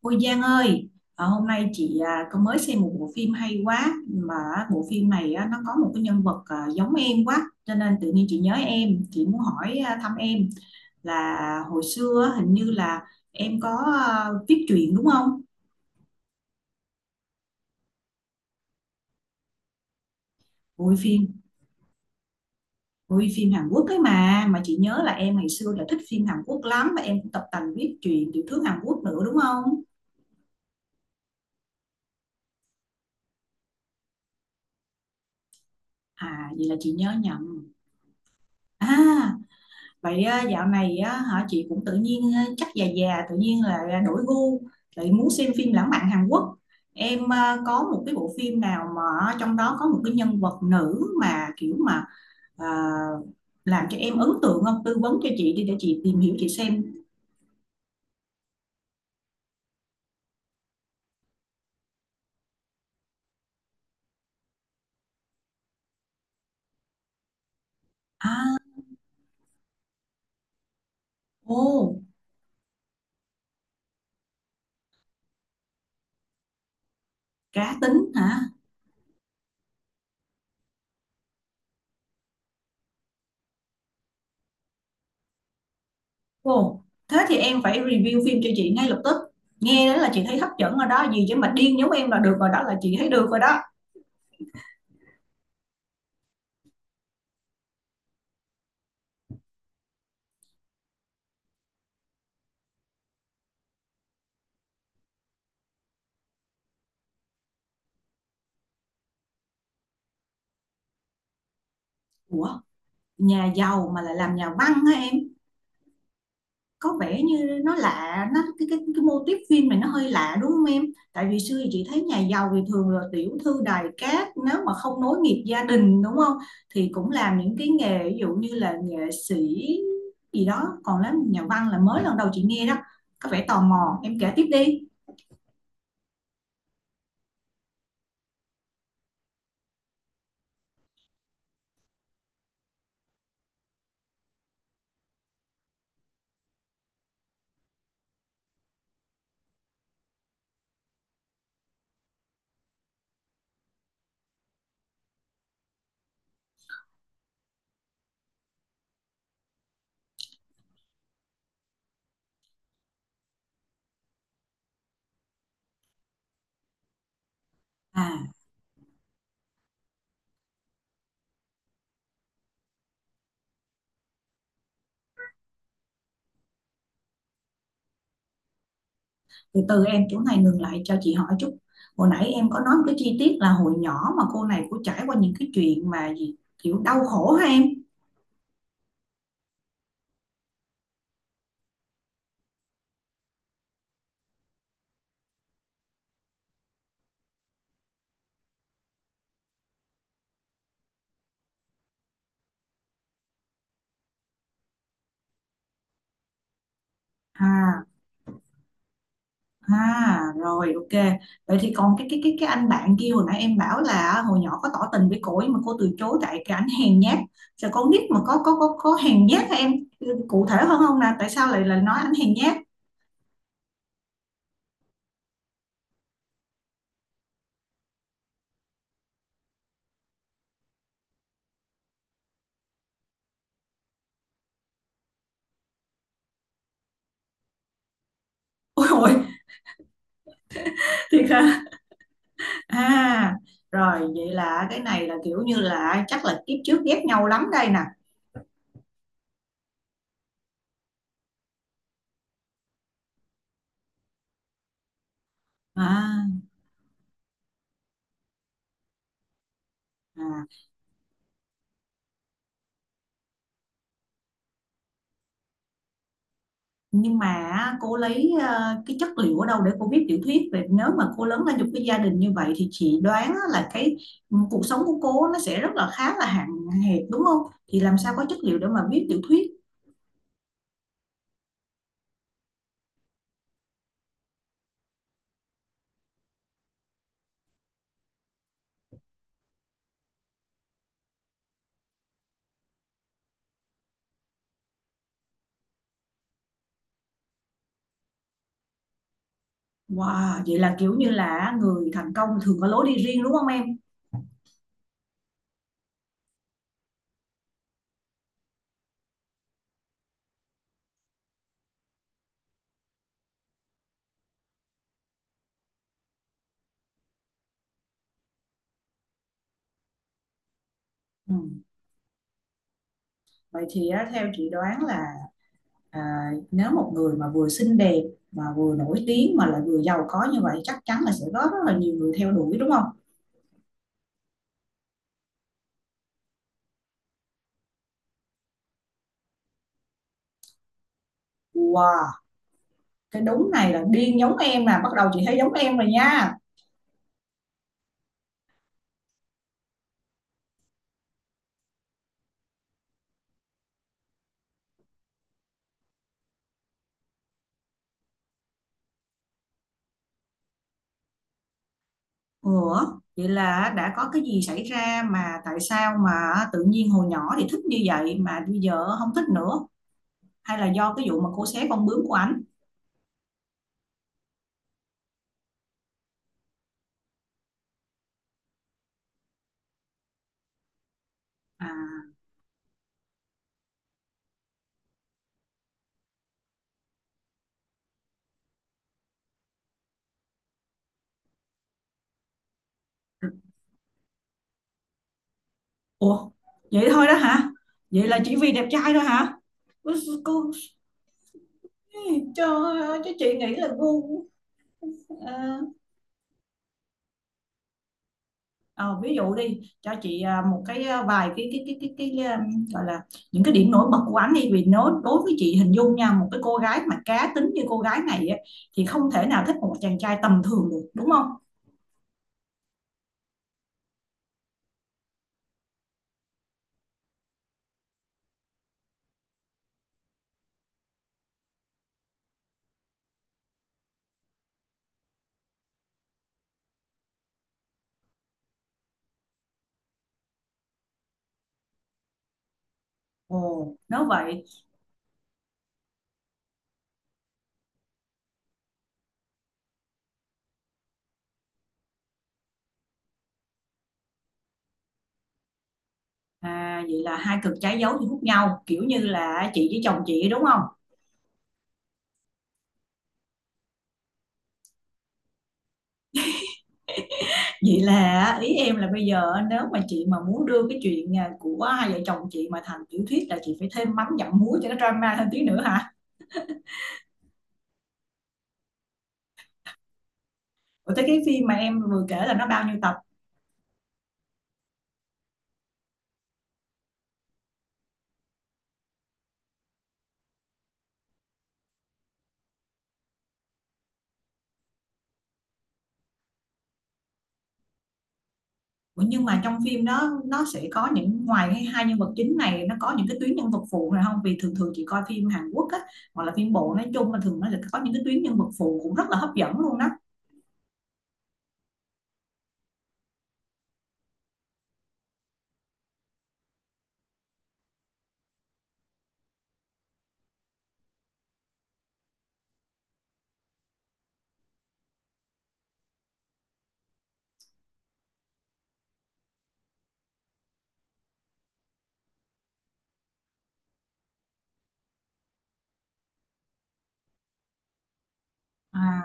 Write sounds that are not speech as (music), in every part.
Ôi Giang ơi, hôm nay chị có mới xem một bộ phim hay quá mà bộ phim này á, nó có một cái nhân vật giống em quá cho nên tự nhiên chị nhớ em, chị muốn hỏi thăm em là hồi xưa á, hình như là em có viết truyện đúng không? Ôi phim, ôi phim Hàn Quốc ấy mà chị nhớ là em ngày xưa là thích phim Hàn Quốc lắm và em cũng tập tành viết truyện tiểu thuyết Hàn Quốc nữa đúng không? À vậy là chị nhớ nhầm. À vậy dạo này á, hả chị cũng tự nhiên chắc già già tự nhiên là đổi gu lại muốn xem phim lãng mạn Hàn Quốc. Em có một cái bộ phim nào mà trong đó có một cái nhân vật nữ mà kiểu mà à, làm cho em ấn tượng không? Tư vấn cho chị đi để chị tìm hiểu chị xem. À, ô, cá tính hả? Ồ, thế thì em phải review phim cho chị ngay lập tức. Nghe đó là chị thấy hấp dẫn rồi đó, gì chứ mà điên giống em là được rồi đó là chị thấy được rồi đó. Ủa, nhà giàu mà lại làm nhà văn hả em? Có vẻ như nó lạ nó cái mô típ phim này nó hơi lạ đúng không em? Tại vì xưa thì chị thấy nhà giàu thì thường là tiểu thư đài cát, nếu mà không nối nghiệp gia đình đúng không thì cũng làm những cái nghề ví dụ như là nghệ sĩ gì đó, còn làm nhà văn là mới lần đầu chị nghe đó. Có vẻ tò mò, em kể tiếp đi. À từ từ em, chỗ này ngừng lại cho chị hỏi chút. Hồi nãy em có nói một cái chi tiết là hồi nhỏ mà cô này cũng trải qua những cái chuyện mà gì kiểu đau khổ hả em? À, à rồi ok. Vậy thì còn cái anh bạn kia hồi nãy em bảo là hồi nhỏ có tỏ tình với cô nhưng mà cô từ chối tại cái anh hèn nhát. Sao con nít mà có hèn nhát hả em? Cụ thể hơn không nè, tại sao lại là nói anh hèn nhát? (laughs) Ôi ôi, thiệt hả? À rồi vậy là cái này là kiểu như là chắc là kiếp trước ghét nhau lắm đây nè. À, à. Nhưng mà cô lấy cái chất liệu ở đâu để cô viết tiểu thuyết về, nếu mà cô lớn lên trong cái gia đình như vậy thì chị đoán là cái cuộc sống của cô nó sẽ rất là khá là hạn hẹp đúng không, thì làm sao có chất liệu để mà viết tiểu thuyết? Wow, vậy là kiểu như là người thành công thường có lối đi riêng đúng không em? Ừ. Vậy thì á, theo chị đoán là à, nếu một người mà vừa xinh đẹp mà vừa nổi tiếng mà lại vừa giàu có như vậy chắc chắn là sẽ có rất là nhiều người theo đuổi đúng không? Wow, cái đúng này là điên giống em, là bắt đầu chị thấy giống em rồi nha. Ủa vậy là đã có cái gì xảy ra mà tại sao mà tự nhiên hồi nhỏ thì thích như vậy mà bây giờ không thích nữa, hay là do cái vụ mà cô xé con bướm của ảnh? À, ủa vậy thôi đó hả? Vậy là chỉ vì đẹp trai thôi hả? Ôi, cô, trời ơi chứ chị nghĩ là gu. ờ, Ờ, ví dụ đi cho chị một cái vài cái gọi là những cái điểm nổi bật của anh đi, vì nó đối với chị hình dung nha, một cái cô gái mà cá tính như cô gái này á, thì không thể nào thích một chàng trai tầm thường được đúng không? Ồ, nếu vậy vậy là hai cực trái dấu thì hút nhau, kiểu như là chị với chồng chị đúng không? Vậy là ý em là bây giờ nếu mà chị mà muốn đưa cái chuyện của hai vợ chồng chị mà thành tiểu thuyết là chị phải thêm mắm dặm muối cho nó drama thêm tí nữa hả? Ủa thế cái phim mà em vừa kể là nó bao nhiêu tập? Nhưng mà trong phim đó nó sẽ có những, ngoài hai nhân vật chính này nó có những cái tuyến nhân vật phụ này không, vì thường thường chị coi phim Hàn Quốc á hoặc là phim bộ nói chung mà thường nó sẽ có những cái tuyến nhân vật phụ cũng rất là hấp dẫn luôn đó. À,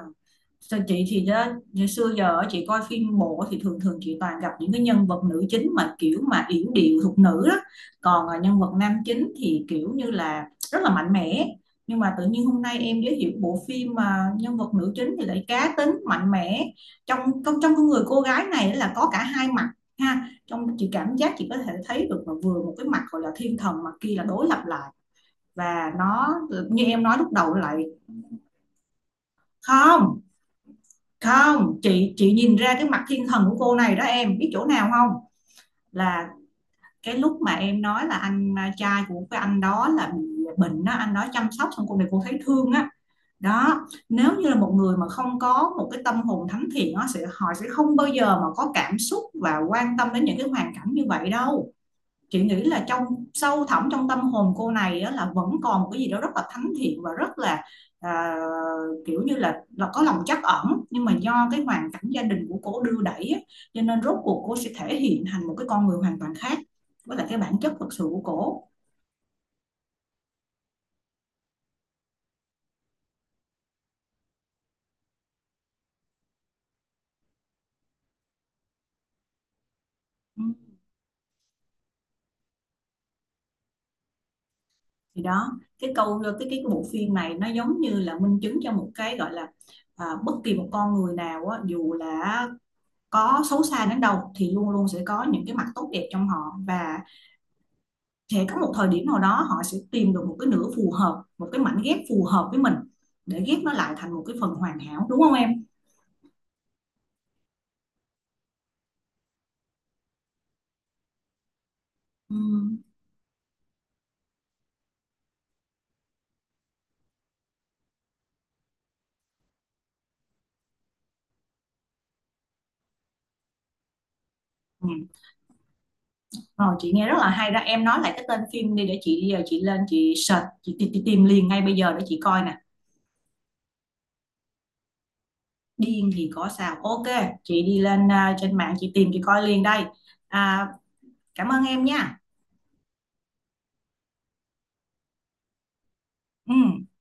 sao chị thì đó, ngày xưa giờ á, chị coi phim bộ thì thường thường chị toàn gặp những cái nhân vật nữ chính mà kiểu mà yểu điệu thục nữ đó, còn nhân vật nam chính thì kiểu như là rất là mạnh mẽ. Nhưng mà tự nhiên hôm nay em giới thiệu bộ phim mà nhân vật nữ chính thì lại cá tính mạnh mẽ, trong trong trong cái người cô gái này là có cả hai mặt, ha, trong chị cảm giác chị có thể thấy được là vừa một cái mặt gọi là thiên thần mà kia là đối lập lại và nó như em nói lúc đầu lại. Không, không chị, chị nhìn ra cái mặt thiên thần của cô này đó em biết chỗ nào không, là cái lúc mà em nói là anh trai của cái anh đó là bị bệnh đó, anh đó chăm sóc xong cô này cô thấy thương á. Đó, nếu như là một người mà không có một cái tâm hồn thánh thiện nó sẽ, họ sẽ không bao giờ mà có cảm xúc và quan tâm đến những cái hoàn cảnh như vậy đâu. Chị nghĩ là trong sâu thẳm trong tâm hồn cô này á, là vẫn còn một cái gì đó rất là thánh thiện và rất là à, kiểu như là có lòng trắc ẩn, nhưng mà do cái hoàn cảnh gia đình của cô đưa đẩy á, cho nên rốt cuộc cô sẽ thể hiện thành một cái con người hoàn toàn khác với lại cái bản chất thực sự của cô. Ừ. Thì đó, cái câu cái bộ phim này nó giống như là minh chứng cho một cái gọi là bất kỳ một con người nào á, dù là có xấu xa đến đâu thì luôn luôn sẽ có những cái mặt tốt đẹp trong họ và sẽ có một thời điểm nào đó họ sẽ tìm được một cái nửa phù hợp, một cái mảnh ghép phù hợp với mình để ghép nó lại thành một cái phần hoàn hảo đúng không em? Ừm. Ừ. Rồi chị nghe rất là hay đó, em nói lại cái tên phim đi để chị giờ chị lên chị search chị, tìm liền ngay bây giờ để chị coi nè. Điên thì có sao, ok. Chị đi lên trên mạng chị tìm chị coi liền đây. à, Cảm ơn em nha. Ừ.